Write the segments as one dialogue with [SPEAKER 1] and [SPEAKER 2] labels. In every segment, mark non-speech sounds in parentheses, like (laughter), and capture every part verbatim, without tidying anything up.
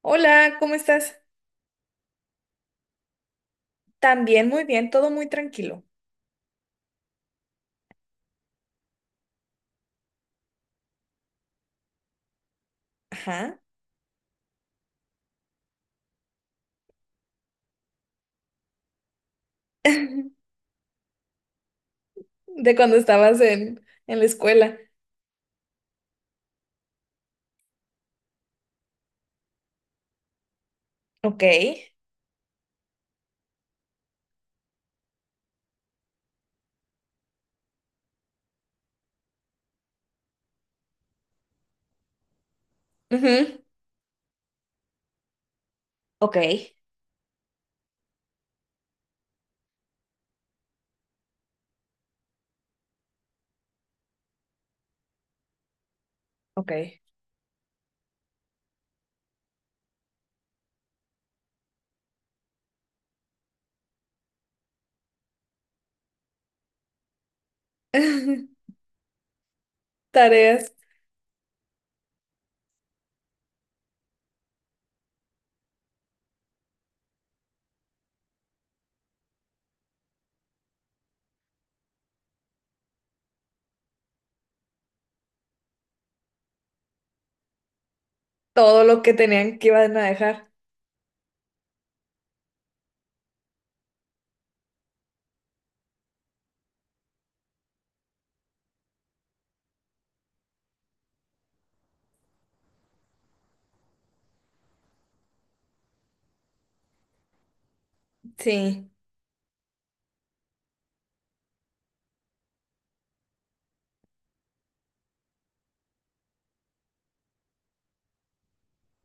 [SPEAKER 1] Hola, ¿cómo estás? También muy bien, todo muy tranquilo. Ajá. (laughs) De cuando estabas en, en la escuela. Ok. Ujú. Ok. Ok. (laughs) Tareas, todo lo que tenían que iban a dejar. Sí.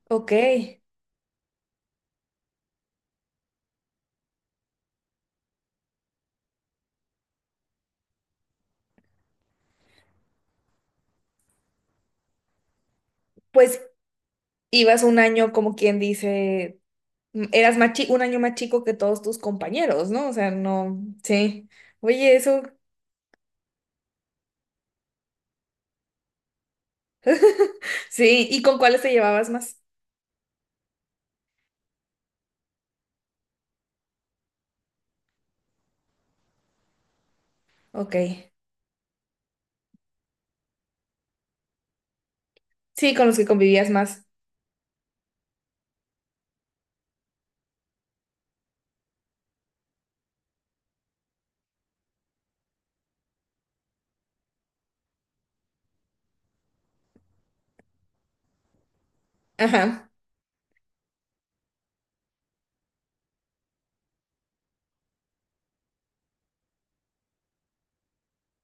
[SPEAKER 1] Ok. Pues ibas un año, como quien dice, m- eras más chi- un año más chico que todos tus compañeros, ¿no? O sea, no, sí. Oye, eso. (laughs) Sí, ¿y con cuáles te llevabas más? Ok. Sí, con los que convivías más. Ajá.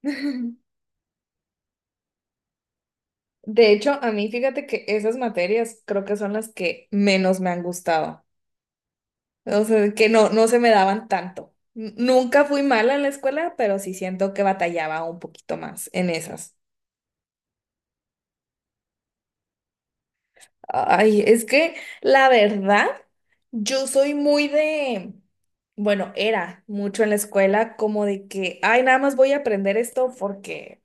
[SPEAKER 1] (laughs) De hecho, a mí fíjate que esas materias creo que son las que menos me han gustado. O sea, que no, no se me daban tanto. N- Nunca fui mala en la escuela, pero sí siento que batallaba un poquito más en esas. Ay, es que la verdad, yo soy muy de, bueno, era mucho en la escuela como de que, ay, nada más voy a aprender esto porque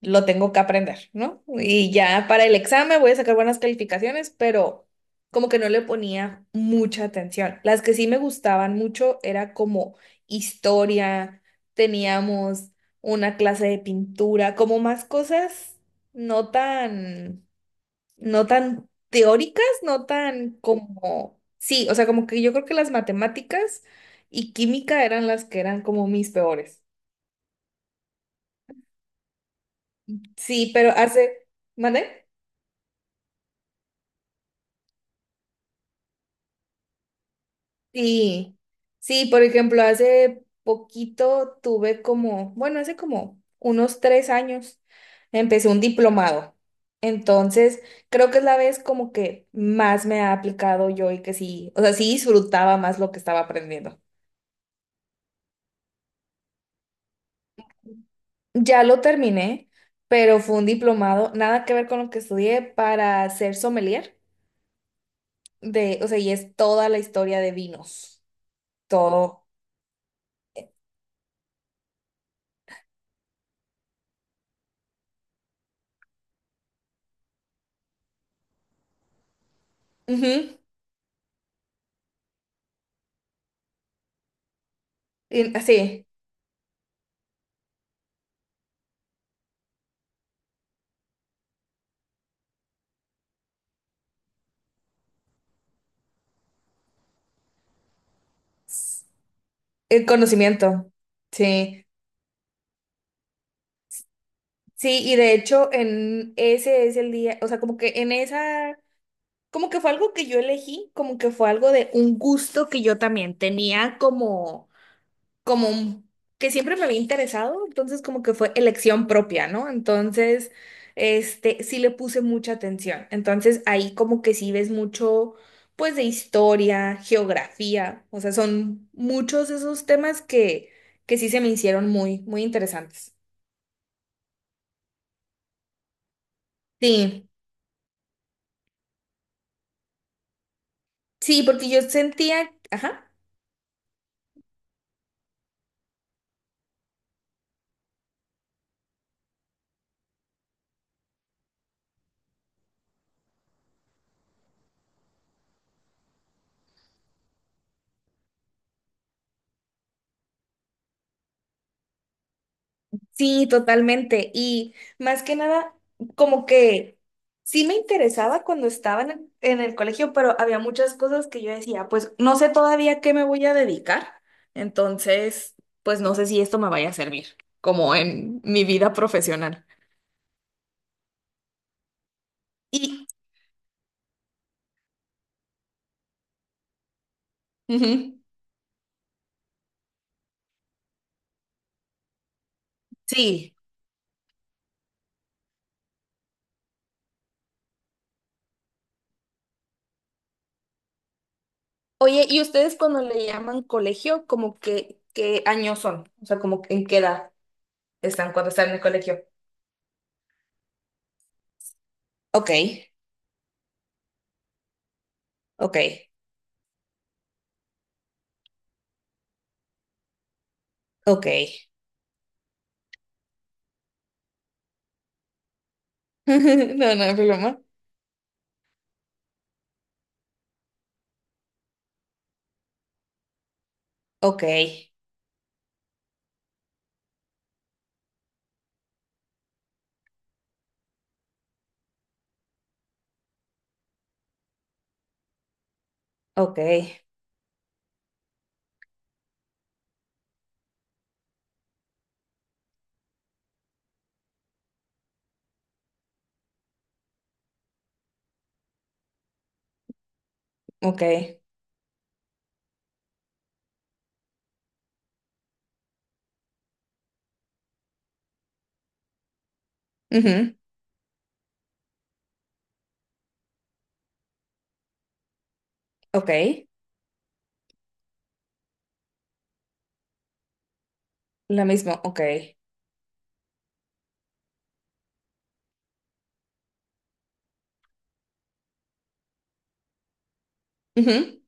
[SPEAKER 1] lo tengo que aprender, ¿no? Y ya para el examen voy a sacar buenas calificaciones, pero como que no le ponía mucha atención. Las que sí me gustaban mucho era como historia, teníamos una clase de pintura, como más cosas no tan no tan teóricas, no tan como, sí, o sea, como que yo creo que las matemáticas y química eran las que eran como mis peores. Sí, pero hace, ¿mande? Sí, sí, por ejemplo, hace poquito tuve como, bueno, hace como unos tres años empecé un diplomado. Entonces, creo que es la vez como que más me ha aplicado yo y que sí, o sea, sí disfrutaba más lo que estaba aprendiendo. Ya lo terminé, pero fue un diplomado, nada que ver con lo que estudié, para ser sommelier de, o sea, y es toda la historia de vinos, todo. Ujú, y- sí, el conocimiento. Sí. Sí, y de hecho en ese es el día, o sea, como que en esa como que fue algo que yo elegí, como que fue algo de un gusto que yo también tenía como como un- Que siempre me había interesado, entonces como que fue elección propia, ¿no? Entonces, este, sí le puse mucha atención. Entonces ahí como que sí ves mucho, pues de historia, geografía, o sea, son muchos esos temas que, que sí se me hicieron muy, muy interesantes. Sí, sí, porque yo sentía, ajá. Sí, totalmente. Y más que nada, como que sí me interesaba cuando estaba en el, en el colegio, pero había muchas cosas que yo decía, pues no sé todavía qué me voy a dedicar. Entonces, pues no sé si esto me vaya a servir, como en mi vida profesional. Y ujú, sí. Oye, ¿y ustedes cuando le llaman colegio, como que qué años son? O sea, como que en qué edad están cuando están en el colegio. Ok, ok, ok. (laughs) No, no hay problema. Ok, ok, ok. Ujú, ok. La misma, ok. Ujú.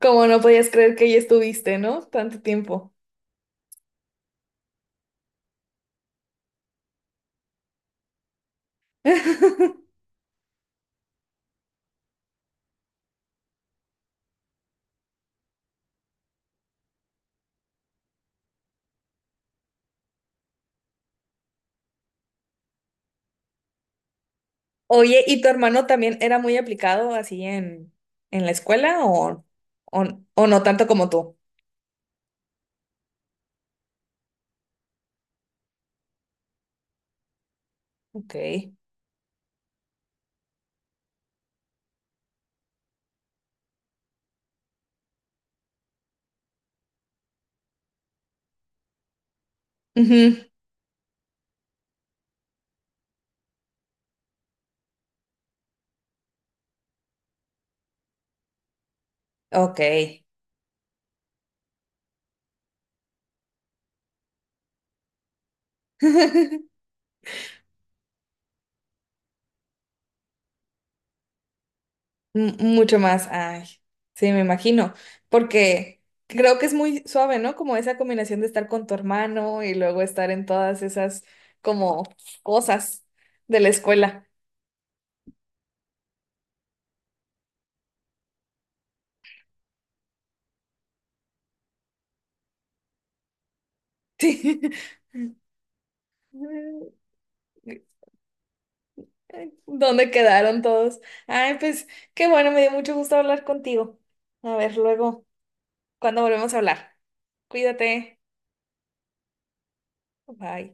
[SPEAKER 1] Como no podías creer que ya estuviste, ¿no? Tanto tiempo. (laughs) Oye, ¿y tu hermano también era muy aplicado así en, en la escuela o, o, o no tanto como tú? Ok. Ujú, Ok. (laughs) M- Mucho más, ay, sí, me imagino, porque creo que es muy suave, ¿no? Como esa combinación de estar con tu hermano y luego estar en todas esas como cosas de la escuela. (laughs) Sí. ¿Dónde quedaron todos? Ay, pues qué bueno, me dio mucho gusto hablar contigo. A ver, luego, cuando volvemos a hablar. Cuídate. Bye.